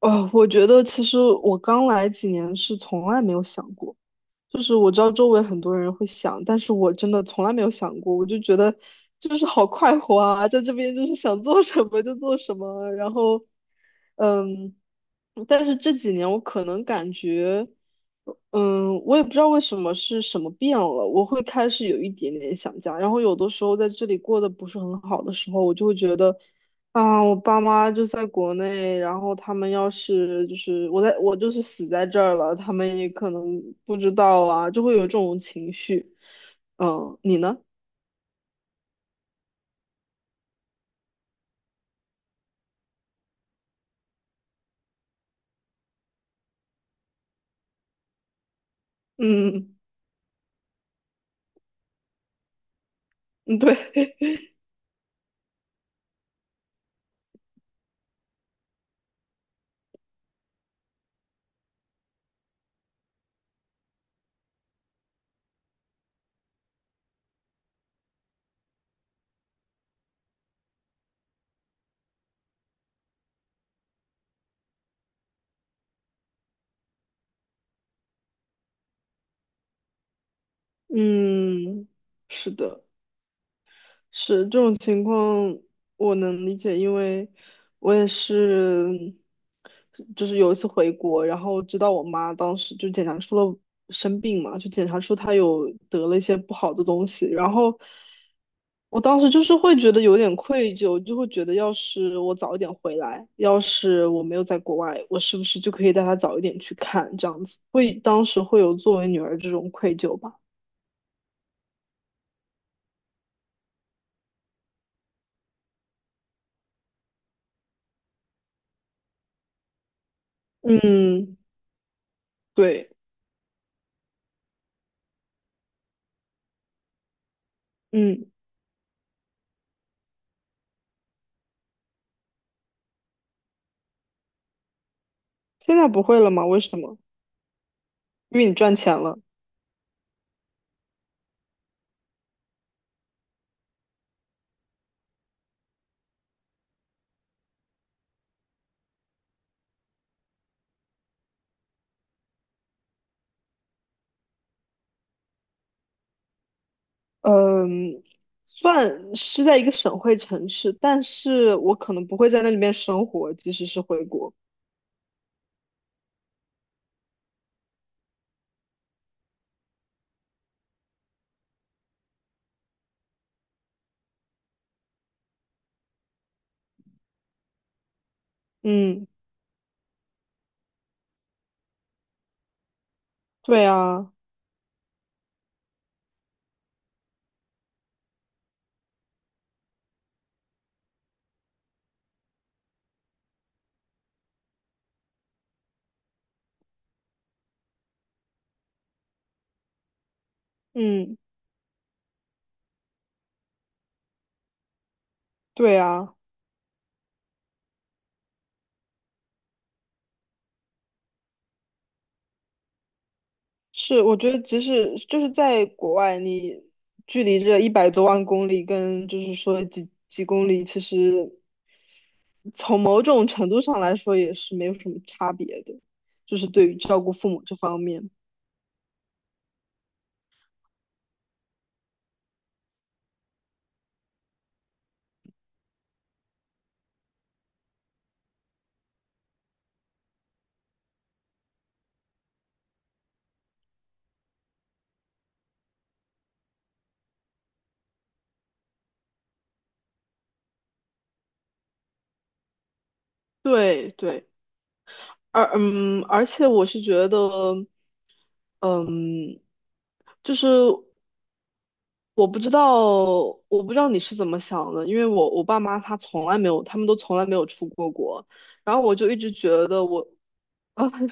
哦，我觉得其实我刚来几年是从来没有想过，就是我知道周围很多人会想，但是我真的从来没有想过，我就觉得就是好快活啊，在这边就是想做什么就做什么，然后，嗯，但是这几年我可能感觉，我也不知道为什么是什么变了，我会开始有一点点想家，然后有的时候在这里过得不是很好的时候，我就会觉得。啊，我爸妈就在国内，然后他们要是就是我就是死在这儿了，他们也可能不知道啊，就会有这种情绪。嗯，你呢？嗯嗯，对，嗯，是的。是这种情况，我能理解，因为我也是，就是有一次回国，然后知道我妈当时就检查出了生病嘛，就检查出她有得了一些不好的东西，然后我当时就是会觉得有点愧疚，就会觉得要是我早一点回来，要是我没有在国外，我是不是就可以带她早一点去看，这样子，当时会有作为女儿这种愧疚吧。嗯，对，嗯。现在不会了吗？为什么？因为你赚钱了。嗯，算是在一个省会城市，但是我可能不会在那里面生活，即使是回国。嗯，对啊，嗯，对啊，是，我觉得即使就是在国外，你距离这一百多万公里跟就是说几几公里，其实从某种程度上来说也是没有什么差别的，就是对于照顾父母这方面。对对。而且我是觉得，嗯，就是我不知道，我不知道你是怎么想的，因为我爸妈他从来没有，他们都从来没有出过国，然后我就一直觉得我，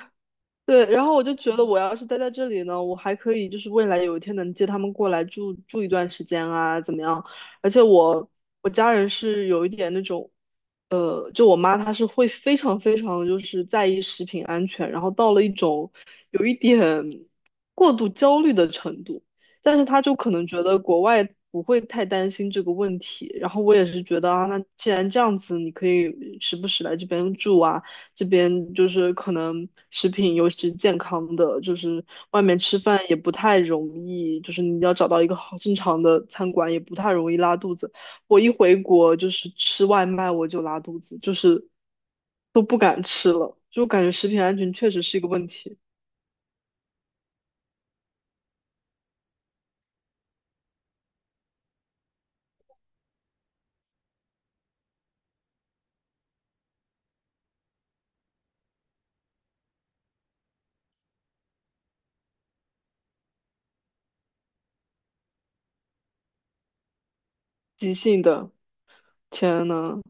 对，然后我就觉得我要是待在这里呢，我还可以就是未来有一天能接他们过来住住一段时间啊，怎么样？而且我家人是有一点那种，就我妈她是会非常非常就是在意食品安全，然后到了一种有一点过度焦虑的程度，但是她就可能觉得国外不会太担心这个问题，然后我也是觉得啊，那既然这样子，你可以时不时来这边住啊。这边就是可能食品，尤其是健康的，就是外面吃饭也不太容易，就是你要找到一个好正常的餐馆也不太容易拉肚子。我一回国就是吃外卖我就拉肚子，就是都不敢吃了，就感觉食品安全确实是一个问题。急性的，天呐，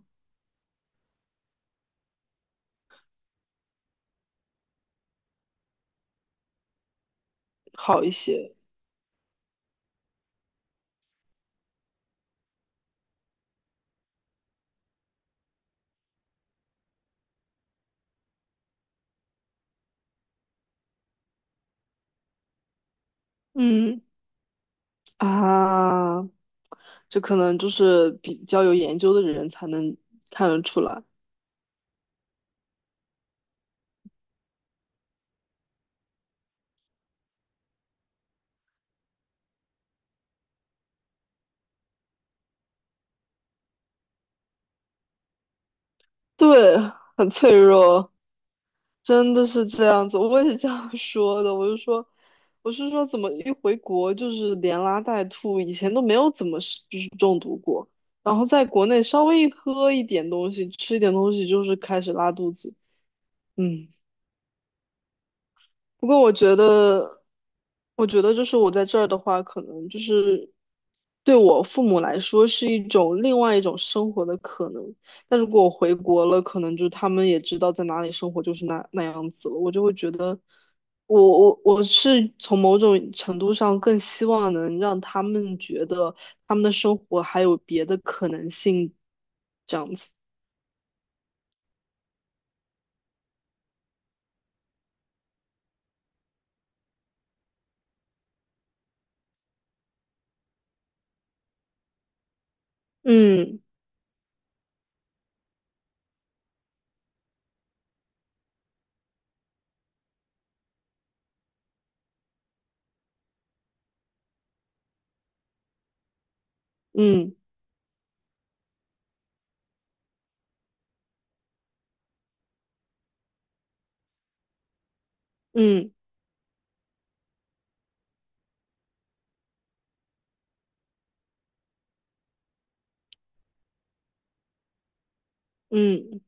好一些。嗯啊，这可能就是比较有研究的人才能看得出来，对，很脆弱。真的是这样子，我也是这样 说的。我就说，我是说，怎么一回国就是连拉带吐，以前都没有怎么是就是中毒过，然后在国内稍微一喝一点东西，吃一点东西，就是开始拉肚子。嗯，不过我觉得，我觉得就是我在这儿的话，可能就是对我父母来说是一种另外一种生活的可能。但如果我回国了，可能就他们也知道在哪里生活就是那那样子了，我就会觉得我，我是从某种程度上更希望能让他们觉得他们的生活还有别的可能性，这样子。嗯嗯嗯嗯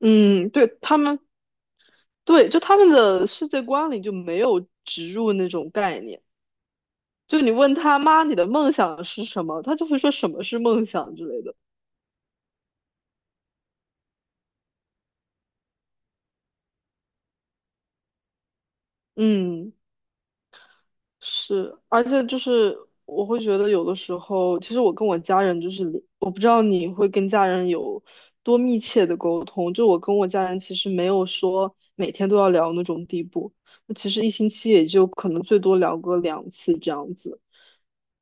嗯，对他们。对，就他们的世界观里就没有植入那种概念。就你问他妈，你的梦想是什么？他就会说什么是梦想之类的。嗯，是，而且就是我会觉得有的时候，其实我跟我家人就是，我不知道你会跟家人有多密切的沟通。就我跟我家人其实没有说每天都要聊那种地步，其实一星期也就可能最多聊个两次这样子。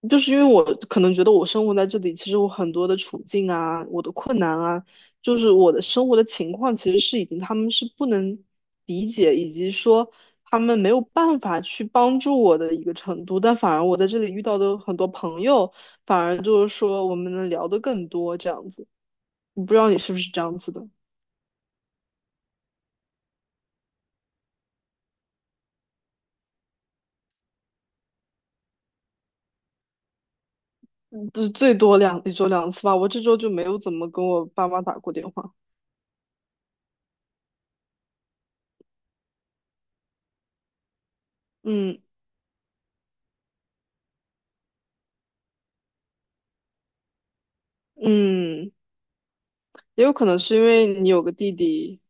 就是因为我可能觉得我生活在这里，其实我很多的处境啊，我的困难啊，就是我的生活的情况，其实是已经他们是不能理解，以及说他们没有办法去帮助我的一个程度。但反而我在这里遇到的很多朋友，反而就是说我们能聊得更多这样子。我不知道你是不是这样子的，嗯就最多两一周两次吧。我这周就没有怎么跟我爸妈打过电话。嗯嗯，也有可能是因为你有个弟弟。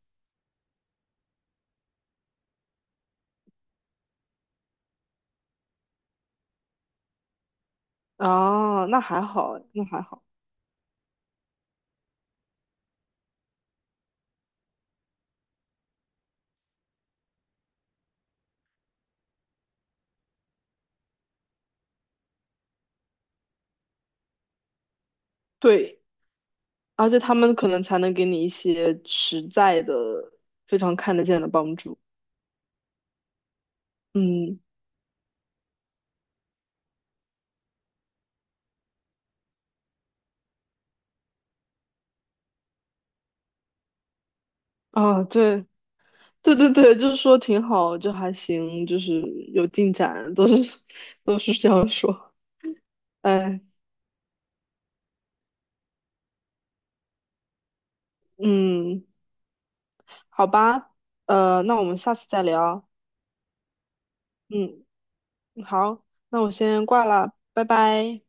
啊，那还好，那还好。对，而且他们可能才能给你一些实在的、非常看得见的帮助。嗯，啊，对，对对对，就是说挺好，就还行，就是有进展，都是 都是这样说。哎，嗯，好吧，那我们下次再聊。嗯，好，那我先挂了，拜拜。